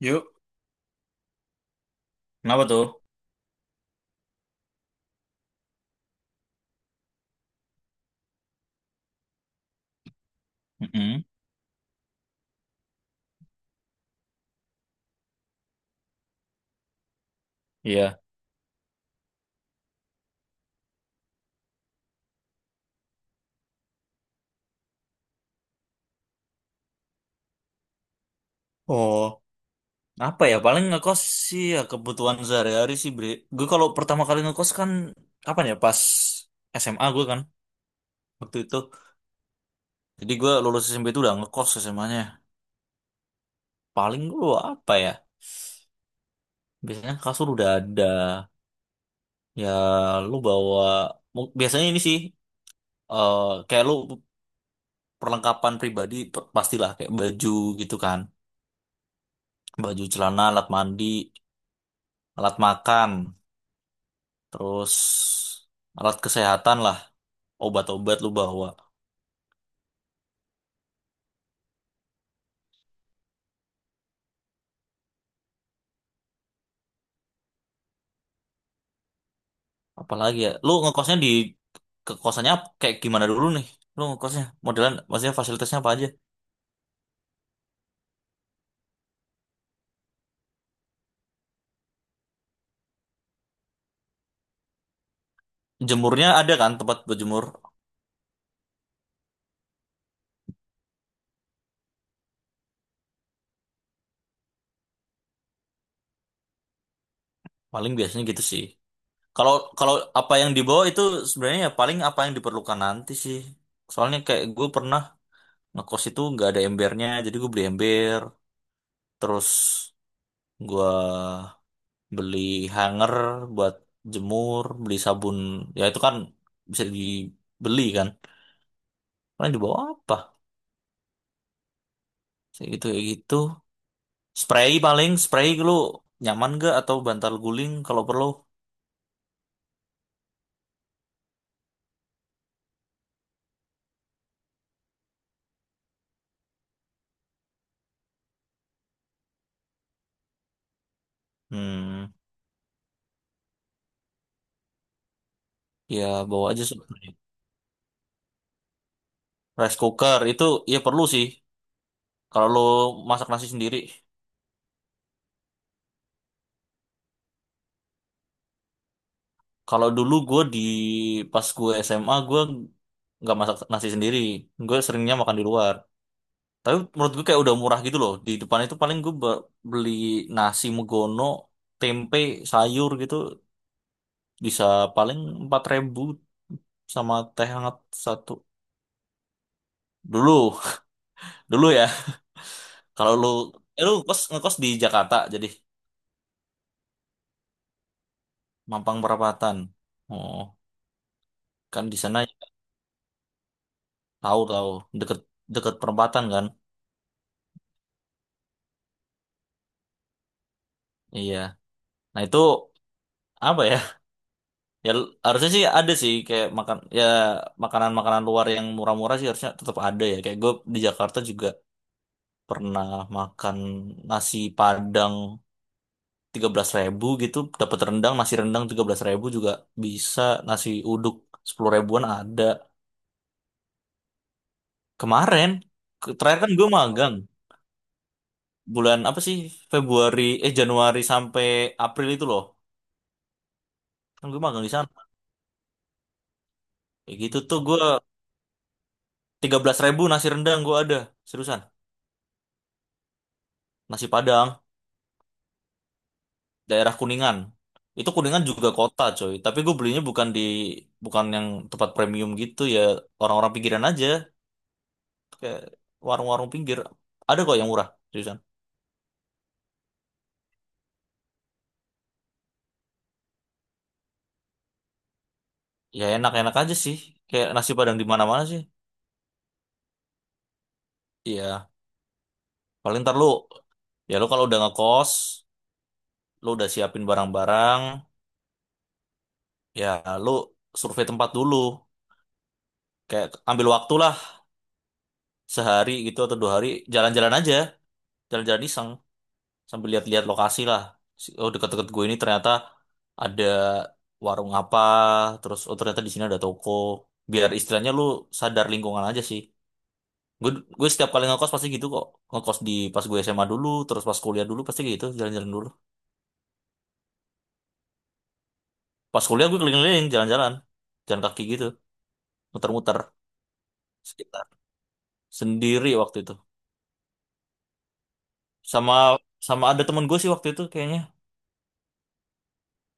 Yuk. Kenapa tuh? Mm-mm. Iya. Oh, apa ya? Paling ngekos sih ya kebutuhan sehari-hari sih, Bre. Gue kalau pertama kali ngekos kan kapan ya? Pas SMA gue kan waktu itu. Jadi gue lulus SMP itu udah ngekos SMA-nya. Paling gue apa ya? Biasanya kasur udah ada. Ya lu bawa biasanya ini sih, kayak lu perlengkapan pribadi pastilah kayak baju gitu kan. Baju celana, alat mandi, alat makan. Terus alat kesehatan lah, obat-obat lu bawa. Apalagi ya, lu ngekosnya ke kosannya kayak gimana dulu nih? Lu ngekosnya modelan, maksudnya fasilitasnya apa aja? Jemurnya ada kan tempat berjemur? Paling biasanya gitu sih. Kalau kalau apa yang dibawa itu sebenarnya ya paling apa yang diperlukan nanti sih. Soalnya kayak gue pernah ngekos itu nggak ada embernya, jadi gue beli ember. Terus gue beli hanger buat jemur, beli sabun, ya itu kan bisa dibeli kan. Paling dibawa apa? Kayak gitu kayak gitu. Spray paling, spray lu nyaman gak atau bantal guling kalau perlu? Hmm, ya bawa aja spray. Rice cooker itu ya perlu sih kalau lu masak nasi sendiri. Kalau dulu gue pas gue SMA gue nggak masak nasi sendiri, gue seringnya makan di luar. Tapi menurut gue kayak udah murah gitu loh. Di depan itu paling gue beli nasi megono, tempe, sayur gitu. Bisa paling 4.000 sama teh hangat satu. Dulu, dulu ya. Kalau lu ngekos di Jakarta, jadi Mampang Perapatan. Oh, kan di sana tahu tahu deket deket perempatan kan. Iya. Nah itu apa ya? Ya harusnya sih ada sih kayak makan ya, makanan-makanan luar yang murah-murah sih harusnya tetap ada ya. Kayak gue di Jakarta juga pernah makan nasi Padang 13.000 gitu, dapat rendang, nasi rendang 13.000 juga bisa, nasi uduk 10 ribuan ada. Kemarin, terakhir kan gue magang bulan apa sih, Februari, eh, Januari sampai April itu loh. Kan gue magang di sana. Kayak gitu tuh gue 13.000 nasi rendang gue ada, seriusan. Nasi Padang daerah Kuningan. Itu Kuningan juga kota, coy. Tapi gue belinya bukan di, bukan yang tempat premium gitu ya, orang-orang pinggiran aja. Kayak warung-warung pinggir ada kok yang murah, seriusan. Ya enak-enak aja sih kayak nasi padang di mana-mana sih. Iya paling ntar lu, ya lu kalau udah ngekos, lu udah siapin barang-barang, ya lu survei tempat dulu, kayak ambil waktu lah sehari gitu atau 2 hari, jalan-jalan aja, jalan-jalan iseng sambil lihat-lihat lokasi lah. Oh, deket-deket gue ini ternyata ada warung apa, terus, oh, ternyata di sini ada toko, biar istilahnya lu sadar lingkungan aja sih. Gue gue setiap kali ngekos pasti gitu kok. Ngekos pas gue SMA dulu, terus pas kuliah dulu pasti gitu, jalan-jalan dulu. Pas kuliah gue keliling-keliling, jalan-jalan. Jalan kaki gitu, muter-muter sekitar sendiri waktu itu. Sama sama ada temen gue sih waktu itu kayaknya,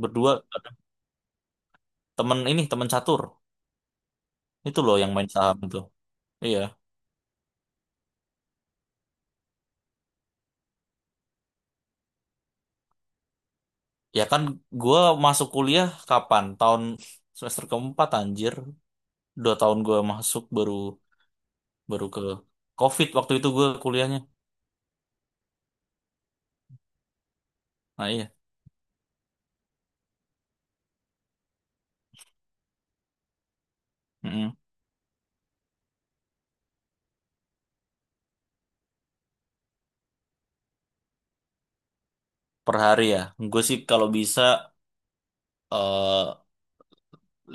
berdua, ada temen, ini temen catur itu loh, yang main saham itu. Iya. Ya kan gue masuk kuliah kapan, tahun semester keempat anjir, 2 tahun gue masuk baru baru ke COVID waktu itu gue kuliahnya. Nah, iya. Per hari ya. Gue sih kalau bisa, eh,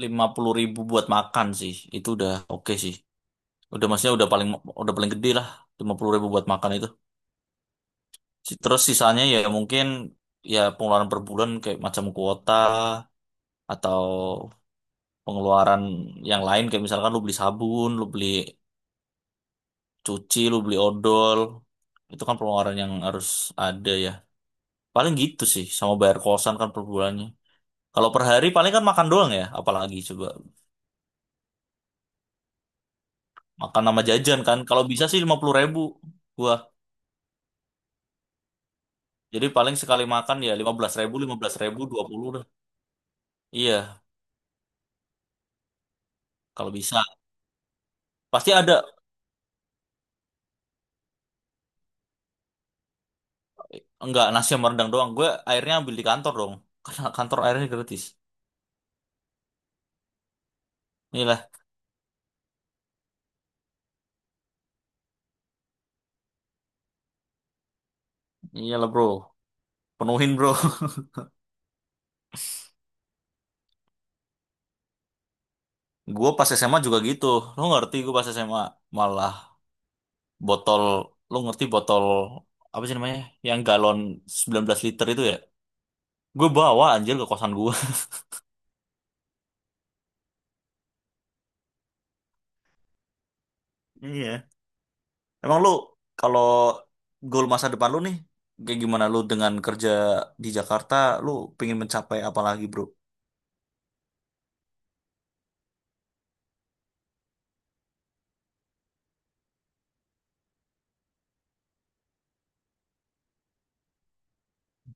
50.000 buat makan sih. Itu udah oke sih. Udah, maksudnya udah paling gede lah. 50.000 buat makan itu. Terus sisanya ya mungkin, ya pengeluaran per bulan kayak macam kuota atau pengeluaran yang lain, kayak misalkan lu beli sabun, lu beli cuci, lu beli odol. Itu kan pengeluaran yang harus ada ya. Paling gitu sih, sama bayar kosan kan per bulannya. Kalau per hari paling kan makan doang ya, apalagi coba. Makan sama jajan kan. Kalau bisa sih 50.000 gua. Jadi paling sekali makan ya 15.000, 15.000, 20 dah. Iya, kalau bisa. Pasti ada. Enggak, nasi sama rendang doang. Gue airnya ambil di kantor dong. Karena kantor airnya gratis. Iyalah, iyalah bro. Penuhin bro. Gue pas SMA juga gitu. Lo ngerti gue pas SMA. Malah botol, lo ngerti botol, apa sih namanya? Yang galon 19 liter itu ya. Gue bawa anjir ke kosan gue. Iya. Emang lu kalau goal masa depan lu nih kayak gimana, lu dengan kerja di Jakarta, lu pengen mencapai apa lagi, Bro?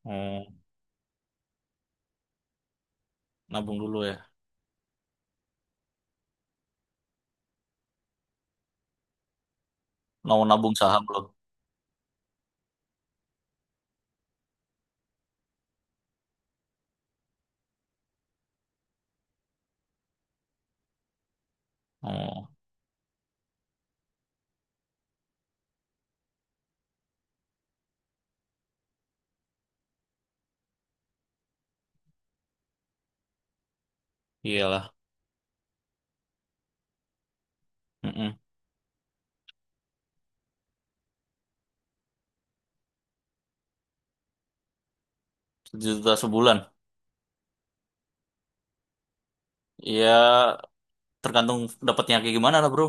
Oh, nabung dulu ya. Mau nabung saham lo. Oh, iyalah. Mm-mm. Sejuta sebulan. Ya, tergantung dapatnya kayak gimana lah, Bro.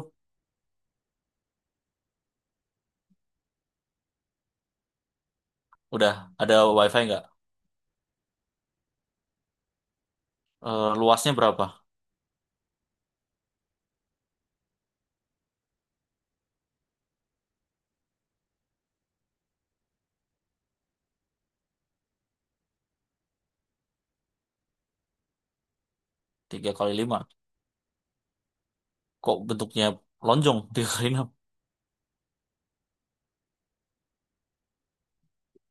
Udah ada wifi nggak? Eh, luasnya berapa? Tiga kali lima. Kok bentuknya lonjong tiga kali enam?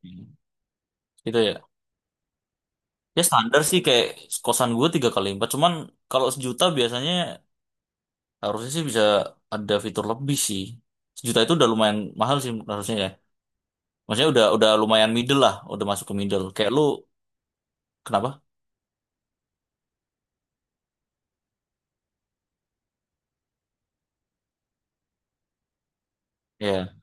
Hmm. Gitu ya. Ya standar sih kayak kosan gue tiga kali empat. Cuman kalau sejuta biasanya, harusnya sih bisa ada fitur lebih sih. Sejuta itu udah lumayan mahal sih harusnya ya. Maksudnya udah lumayan middle lah, udah masuk ke middle. Kayak lu kenapa? Ya.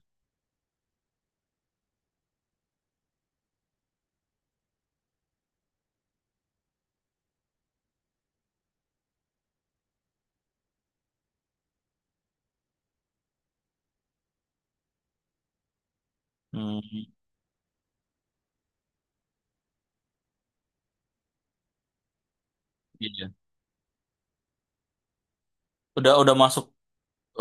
Hmm, iya. Udah udah masuk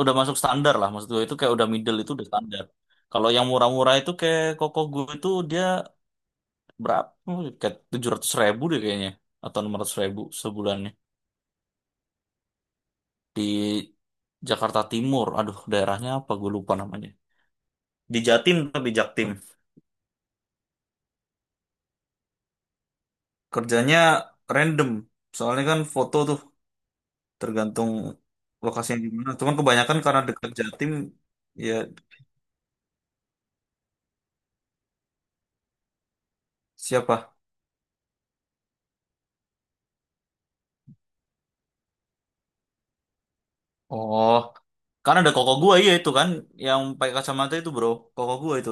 udah masuk standar lah, maksud gue itu kayak udah middle itu udah standar. Kalau yang murah-murah itu kayak koko gue, itu dia berapa? Oh, kayak 700.000 deh kayaknya atau 600.000 sebulannya, di Jakarta Timur. Aduh, daerahnya apa? Gue lupa namanya. Di Jatim tapi Jaktim. Kerjanya random, soalnya kan foto tuh tergantung lokasinya di mana, cuman kebanyakan karena dekat Jatim. Ya, siapa? Oh, karena ada koko gua. Iya itu kan yang pakai kacamata itu bro, koko gua itu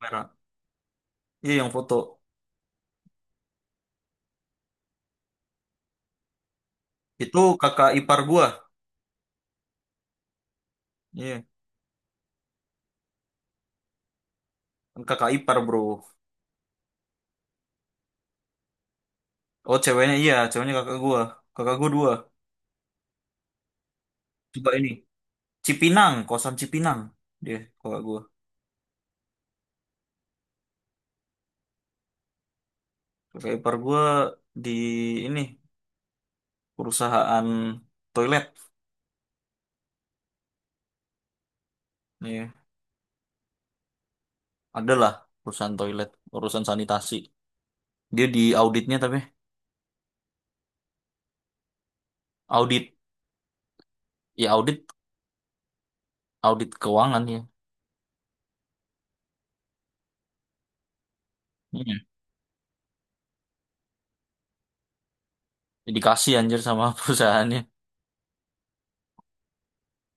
merah. Iya yang foto. Itu kakak ipar gua. Iya kan kakak ipar bro. Oh, ceweknya. Iya, ceweknya kakak gua. Kakak gua dua. Coba ini, Cipinang, kosan Cipinang, dia kakak gua. Kakak ipar gua di ini perusahaan toilet. Iya. Ada lah urusan toilet, urusan sanitasi. Dia di auditnya tapi audit, ya audit, audit keuangan ya. Iya. Ya, dikasih anjir sama perusahaannya.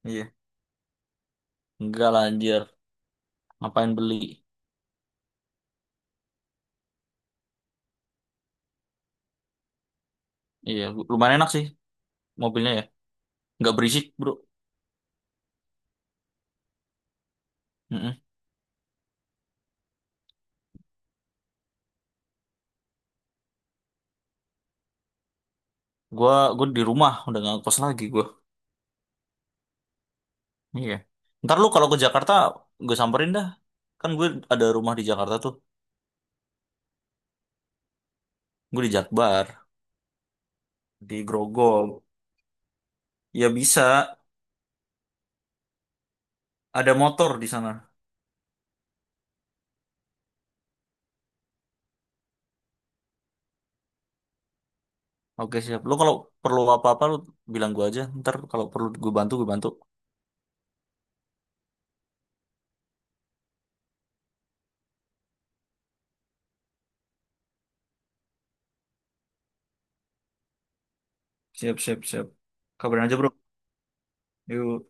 Iya. Enggak lah anjir, ngapain beli? Iya, lumayan enak sih mobilnya ya. Enggak berisik, Bro. Mm-mm. Gua di rumah udah nggak kos lagi gua. Iya. Ntar lu kalau ke Jakarta gue samperin dah. Kan gue ada rumah di Jakarta tuh. Gue di Jakbar, di Grogol. Ya bisa, ada motor di sana. Oke siap. Lo kalau perlu apa-apa lo bilang gue aja. Ntar kalau perlu gue bantu, gue bantu. Siap, siap, siap. Kabarin aja bro. Yuk.